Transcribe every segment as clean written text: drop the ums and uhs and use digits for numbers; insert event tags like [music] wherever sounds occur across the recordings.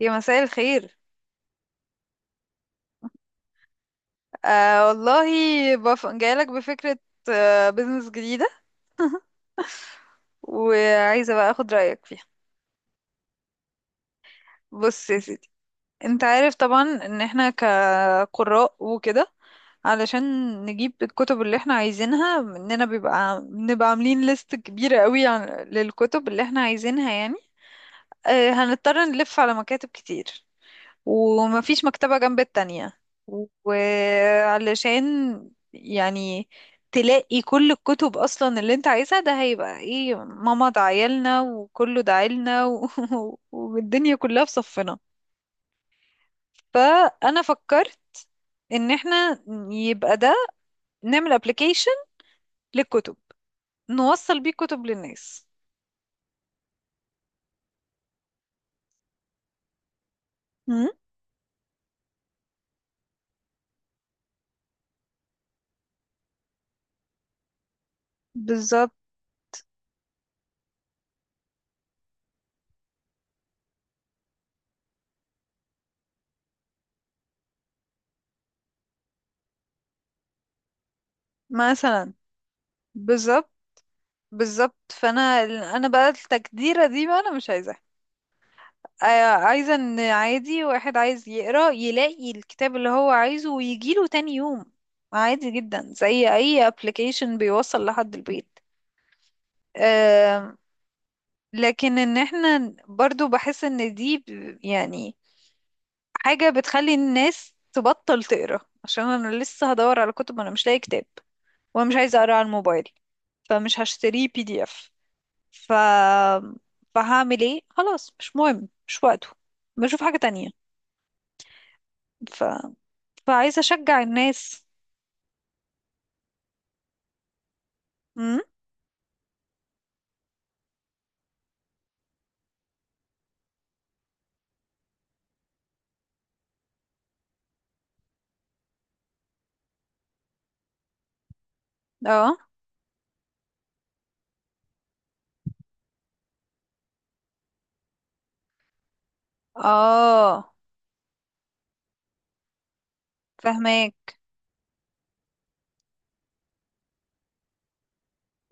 يا مساء الخير. آه والله، جايلك بفكرة. بزنس جديدة، وعايزة بقى اخد رأيك فيها. بص يا سيدي، انت عارف طبعا ان احنا كقراء وكده. علشان نجيب الكتب اللي احنا عايزينها، اننا بنبقى عاملين ليست كبيرة قوي للكتب اللي احنا عايزينها يعني. هنضطر نلف على مكاتب كتير، ومفيش مكتبة جنب التانية. وعلشان يعني تلاقي كل الكتب أصلا اللي انت عايزها، ده هيبقى ايه؟ ماما دعيلنا وكله دعيلنا [laughs] والدنيا كلها في صفنا. فأنا فكرت ان احنا يبقى ده نعمل ابلكيشن للكتب، نوصل بيه كتب للناس. مم. بالظبط. مثلا. بالظبط، بالظبط، انا بقى التجديرة دي بقى انا مش عايزاها. آه، عايزة ان عادي واحد عايز يقرأ يلاقي الكتاب اللي هو عايزه ويجيله تاني يوم. عادي جدا، زي اي ابلكيشن بيوصل لحد البيت. آم، لكن ان احنا برضو بحس ان دي يعني حاجة بتخلي الناس تبطل تقرأ، عشان انا لسه هدور على كتب وانا مش لاقي كتاب. وانا مش عايزة اقرأ على الموبايل، فمش هشتريه بي دي اف. ف فهعمل ايه؟ خلاص، مش مهم، مش وقته، بشوف حاجة تانية. فعايزة اشجع الناس. امم. اه، اه. فهماك.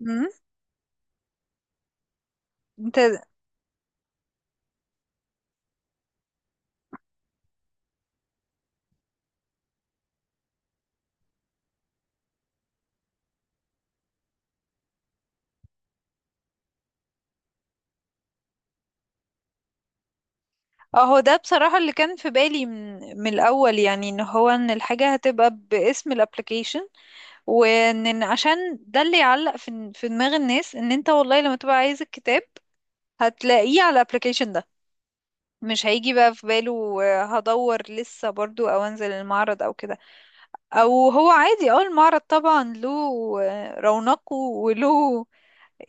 امم. انت. اهو ده بصراحة اللي كان في بالي من الاول، يعني ان هو ان الحاجة هتبقى باسم الابليكيشن. وان عشان ده اللي يعلق في دماغ الناس ان انت والله لما تبقى عايز الكتاب هتلاقيه على الابليكيشن ده. مش هيجي بقى في باله هدور لسه برضو او انزل المعرض او كده. او هو عادي المعرض طبعا له رونقه وله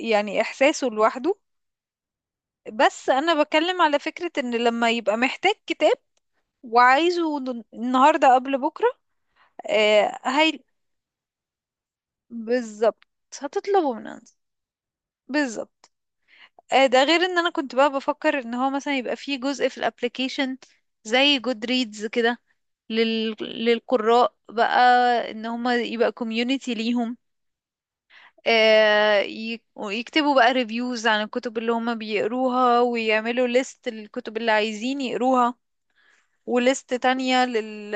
يعني إحساسه لوحده. بس أنا بتكلم على فكرة إن لما يبقى محتاج كتاب وعايزه النهاردة قبل بكرة. آه هي. بالظبط، هتطلبه من عنده. بالظبط. ده غير إن أنا كنت بقى بفكر إن هو مثلا يبقى فيه جزء في الابليكيشن زي جود ريدز كده، للقراء بقى. ان هما يبقى كوميونيتي ليهم، ويكتبوا بقى ريفيوز عن الكتب اللي هما بيقروها، ويعملوا ليست الكتب اللي عايزين يقروها، وليست تانية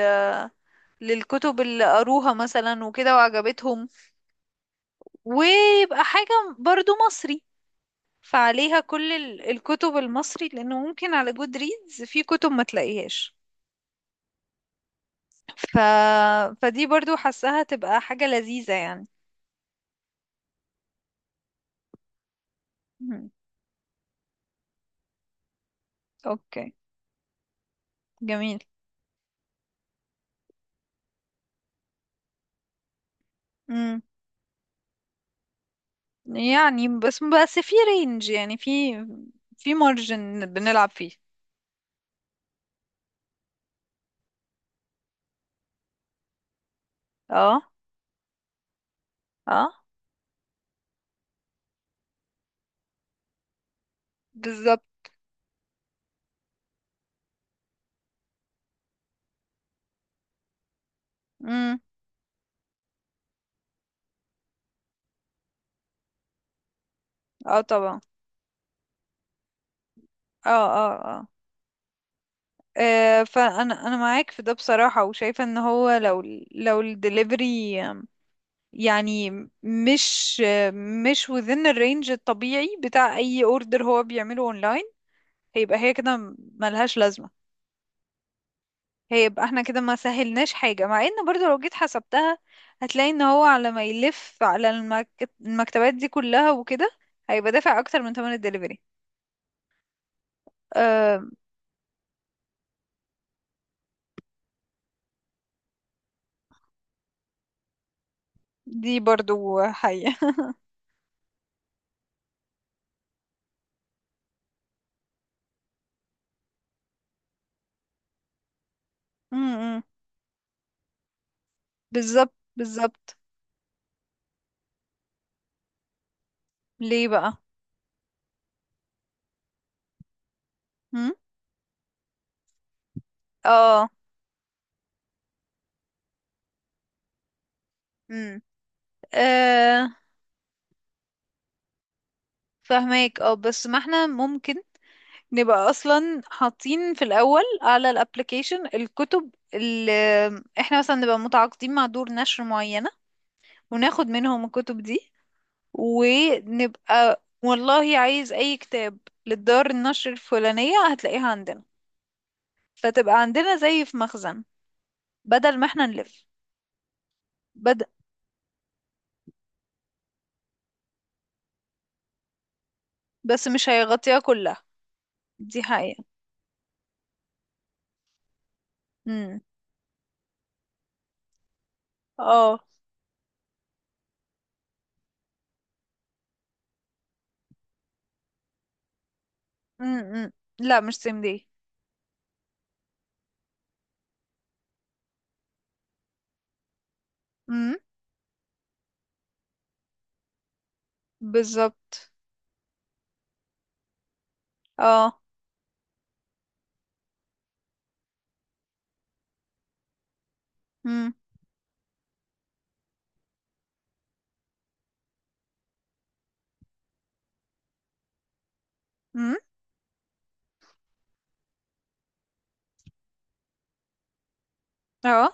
للكتب اللي قروها مثلا وكده وعجبتهم. ويبقى حاجة برضو مصري، فعليها كل الكتب المصري، لأنه ممكن على جود ريدز في كتب ما تلاقيهاش. ف... فدي برضو حاساها تبقى حاجة لذيذة يعني. مم. اوكي، جميل. مم. يعني بس في رينج، يعني في مارجن بنلعب فيه. اه. اه. بالظبط. مم. اه طبعا. اه، اه، اه. انا معاك في ده بصراحة، وشايفة ان هو لو لو الدليفري يعني مش مش within الرينج الطبيعي بتاع اي اوردر هو بيعمله اونلاين، هيبقى هي كده ملهاش لازمة. هيبقى احنا كده ما سهلناش حاجة، مع ان برضو لو جيت حسبتها هتلاقي ان هو على ما يلف على المكتبات دي كلها وكده هيبقى دافع اكتر من ثمن الدليفري. أه. دي برضو حقيقة. [laughs] م- م. بالظبط، بالظبط. ليه بقى؟ اه. امم. آه فهماك. اه بس ما احنا ممكن نبقى اصلا حاطين في الاول على الابليكيشن الكتب اللي احنا مثلا نبقى متعاقدين مع دور نشر معينة، وناخد منهم الكتب دي. ونبقى والله عايز اي كتاب للدار النشر الفلانية هتلاقيها عندنا، فتبقى عندنا زي في مخزن، بدل ما احنا نلف. بد... بس مش هيغطيها كلها. دي حقيقة. امم. اه. امم. امم. لا مش سيم دي. بالظبط. اه. امم. امم. اه.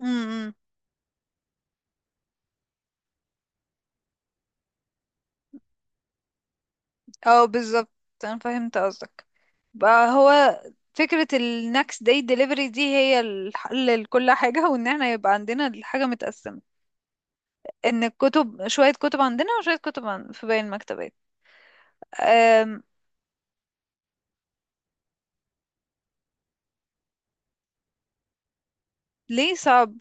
امم. اه بالظبط، انا فهمت قصدك. بقى هو فكرة ال next day delivery دي هي الحل لكل حاجة، وان احنا يبقى عندنا الحاجة متقسمة، ان الكتب شوية كتب عندنا وشوية كتب في باقي المكتبات. أم... ليه صعب؟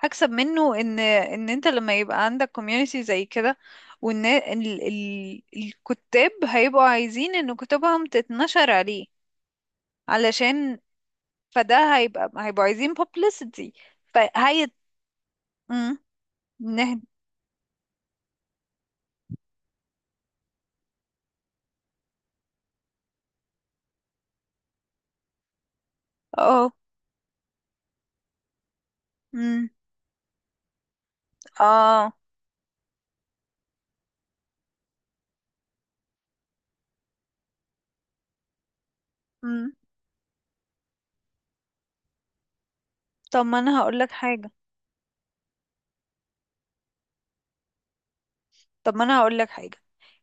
هكسب منه ان انت لما يبقى عندك community زي كده، وان الكتاب هيبقوا عايزين ان كتبهم تتنشر عليه، علشان. فده هيبقوا عايزين publicity. فهي. امم. نه اه. امم. اه. امم. طب ما انا هقول لك حاجة. طب ما انا هقول لك حاجة.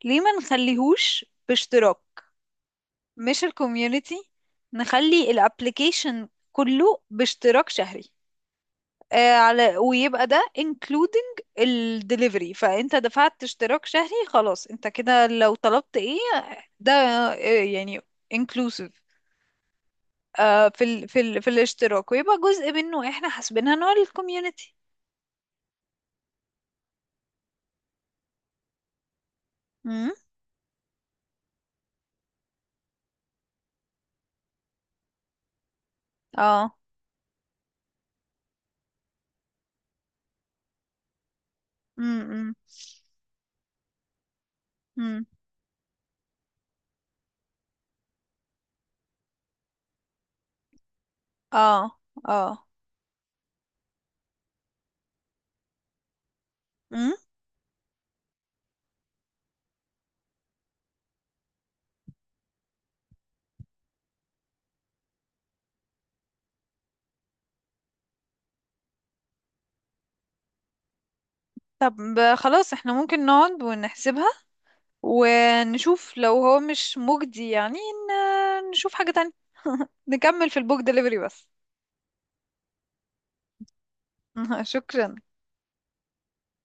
ليه ما نخليهوش باشتراك؟ مش الكوميونتي، نخلي الابليكيشن كله باشتراك شهري. على، ويبقى ده including الدليفري، فانت دفعت اشتراك شهري خلاص. انت كده لو طلبت ايه، ده يعني inclusive في الاشتراك، ويبقى جزء منه احنا حاسبينها نوع الكوميونتي. امم. اه. امم. امم. اه. اه. امم. طب خلاص احنا ممكن نقعد ونحسبها، ونشوف لو هو مش مجدي يعني نشوف حاجة تانية. [laughs] نكمل في البوك دليفري بس. [laughs] شكرا.